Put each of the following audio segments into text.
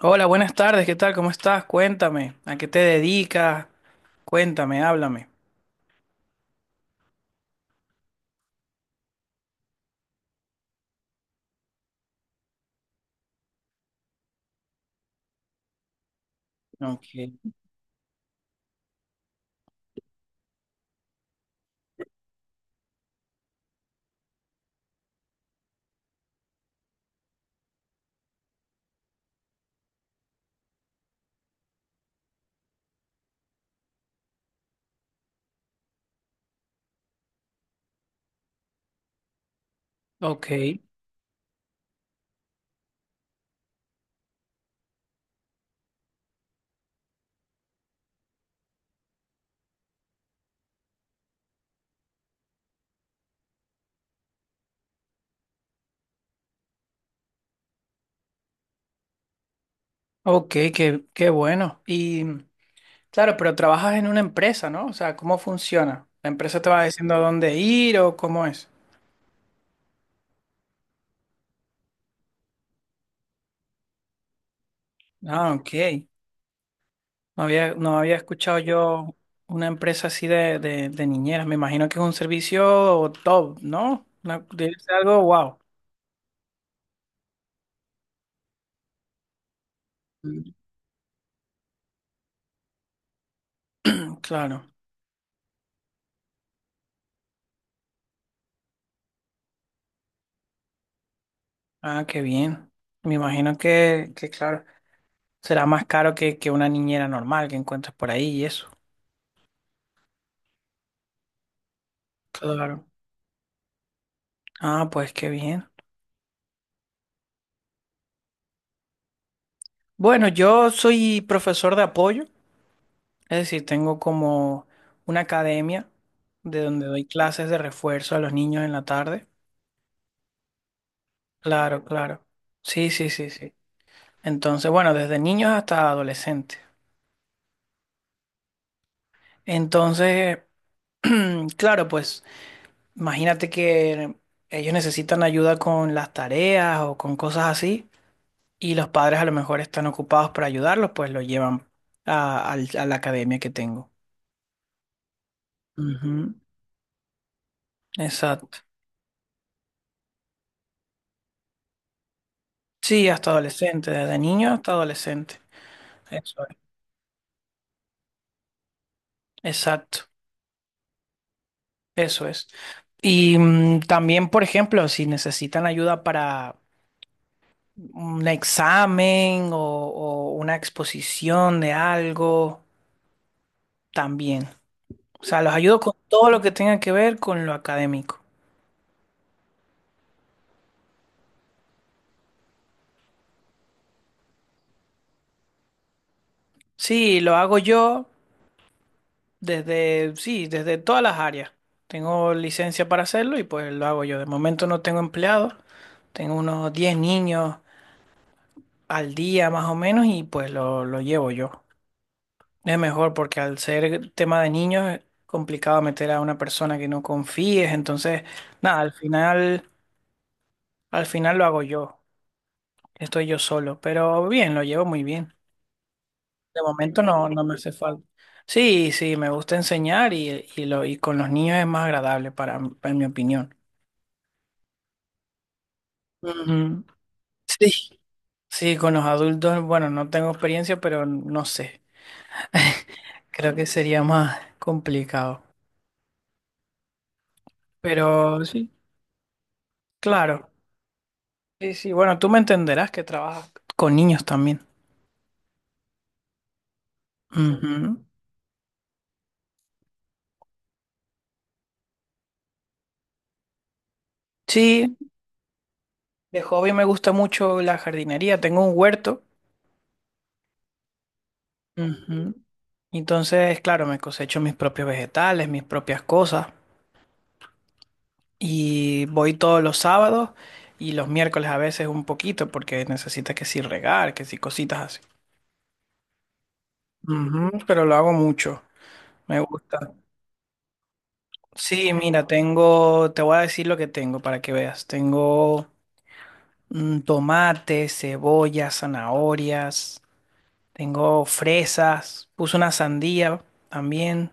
Hola, buenas tardes, ¿qué tal? ¿Cómo estás? Cuéntame, ¿a qué te dedicas? Cuéntame, háblame. Ok, ok, ok, qué bueno. Y claro, pero trabajas en una empresa, ¿no? O sea, ¿cómo funciona? ¿La empresa te va diciendo a dónde ir o cómo es? Ah, ok. No había escuchado yo una empresa así de niñeras. Me imagino que es un servicio top, ¿no? Debe ser algo wow. Claro. Ah, qué bien. Me imagino que claro. Será más caro que una niñera normal que encuentres por ahí y eso. Claro. Ah, pues qué bien. Bueno, yo soy profesor de apoyo, es decir, tengo como una academia de donde doy clases de refuerzo a los niños en la tarde. Claro, claro. Sí, sí, sí, sí. Entonces, bueno, desde niños hasta adolescentes. Entonces, claro, pues imagínate que ellos necesitan ayuda con las tareas o con cosas así. Y los padres a lo mejor están ocupados para ayudarlos, pues lo llevan a, a la academia que tengo. Ujú. Exacto. Sí, hasta adolescente, desde niño hasta adolescente. Eso es. Exacto, eso es. Y también, por ejemplo, si necesitan ayuda para un examen o una exposición de algo, también. O sea, los ayudo con todo lo que tenga que ver con lo académico. Sí, lo hago yo. Desde, sí, desde todas las áreas. Tengo licencia para hacerlo y pues lo hago yo. De momento no tengo empleados, tengo unos 10 niños al día más o menos y pues lo llevo yo. Es mejor porque al ser tema de niños es complicado meter a una persona que no confíes, entonces nada, al final lo hago yo. Estoy yo solo, pero bien, lo llevo muy bien. De momento no me hace falta. Sí, sí, me gusta enseñar y con los niños es más agradable para, en mi opinión. Ujú. Sí, sí, con los adultos, bueno, no tengo experiencia, pero no sé. Creo que sería más complicado. Pero sí, claro. Sí, sí, bueno, tú me entenderás que trabajas con niños también. Ujú. Sí, de hobby me gusta mucho la jardinería. Tengo un huerto. Ujú. Entonces, claro, me cosecho mis propios vegetales, mis propias cosas. Y voy todos los sábados y los miércoles a veces un poquito porque necesitas que si regar, que si cositas así. Ujú, pero lo hago mucho, me gusta. Sí, mira, tengo, te voy a decir lo que tengo para que veas. Tengo tomate, cebolla, zanahorias, tengo fresas, puse una sandía también.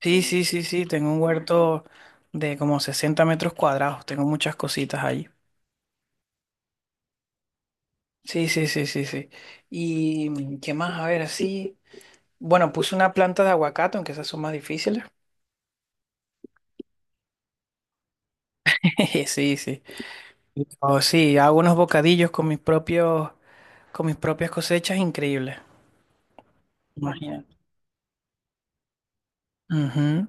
Sí, sí, sí, sí, tengo un huerto de como 60 metros cuadrados, tengo muchas cositas allí. Sí, sí, sí, sí, sí. ¿Y qué más? A ver, así. Bueno, puse una planta de aguacate, aunque esas son más difíciles. Sí, sí. Oh, sí, hago unos bocadillos con mis propios, con mis propias cosechas, increíbles. Imagínate. Ujú.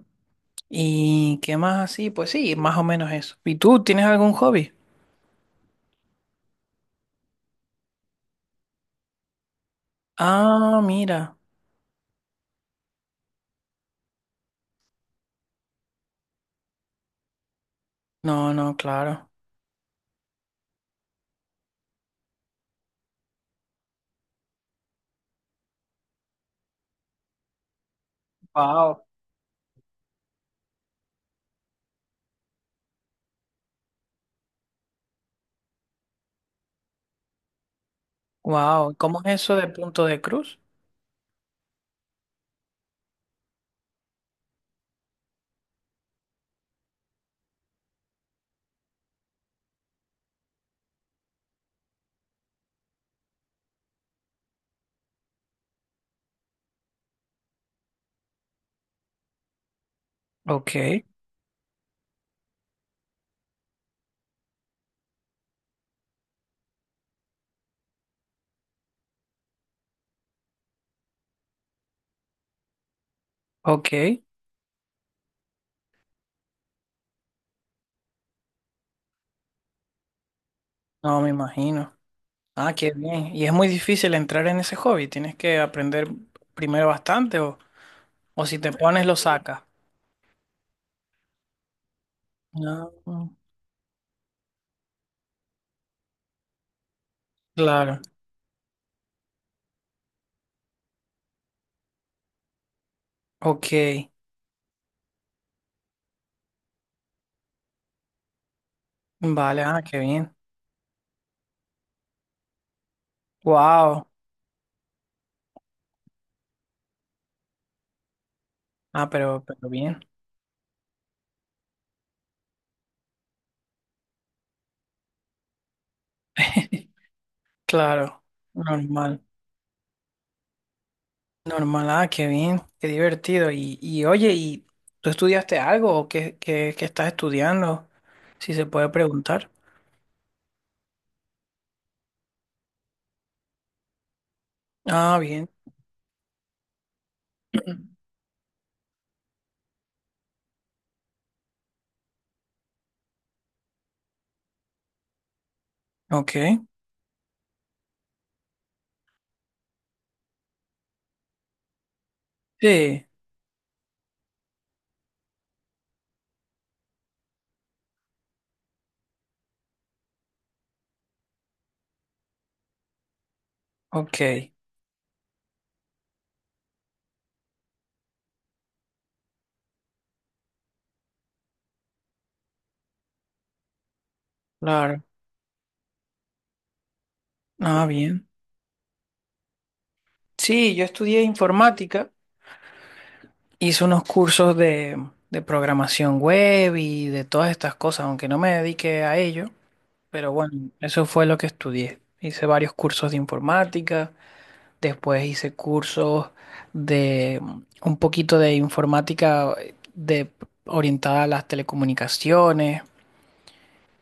¿Y qué más así? Pues sí, más o menos eso. ¿Y tú tienes algún hobby? Ah, mira. No, no, claro. Wow. Wow. ¿Cómo es eso de punto de cruz? Ok, ok. No, me imagino. Ah, qué bien. Y es muy difícil entrar en ese hobby. Tienes que aprender primero bastante o si te pones lo sacas. No, claro. Ok. Vale, ah, qué bien. Wow. Ah, pero bien. Claro, normal. Normal, ah, qué bien, qué divertido. Y oye, ¿y tú estudiaste algo o qué, estás estudiando? Si se puede preguntar. Ah, bien. Ok. Sí, ok. Claro. Ah, bien. Sí, yo estudié informática. Hice unos cursos de programación web y de todas estas cosas, aunque no me dediqué a ello. Pero bueno, eso fue lo que estudié. Hice varios cursos de informática, después hice cursos de un poquito de informática de, orientada a las telecomunicaciones.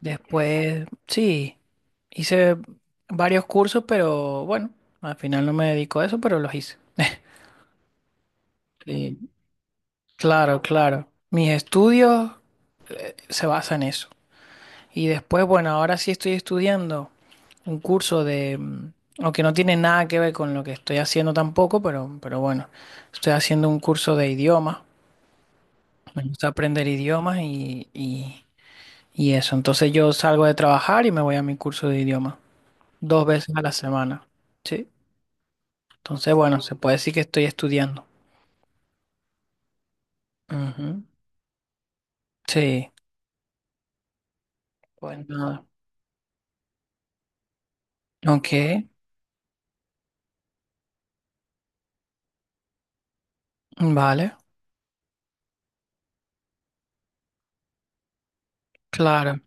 Después, sí, hice varios cursos, pero bueno, al final no me dedico a eso, pero los hice. Sí, claro, claro. Mis estudios se basan en eso. Y después, bueno, ahora sí estoy estudiando un curso de, aunque no tiene nada que ver con lo que estoy haciendo tampoco, pero bueno, estoy haciendo un curso de idiomas. Me gusta aprender idiomas y eso. Entonces yo salgo de trabajar y me voy a mi curso de idiomas dos veces a la semana. Sí. Entonces, bueno, se puede decir que estoy estudiando. Ujú. Sí. Pues nada. Ok. Vale. Claro.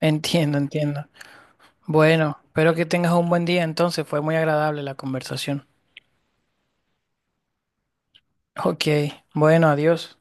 Entiendo, entiendo. Bueno, espero que tengas un buen día entonces, fue muy agradable la conversación. Ok, bueno, adiós.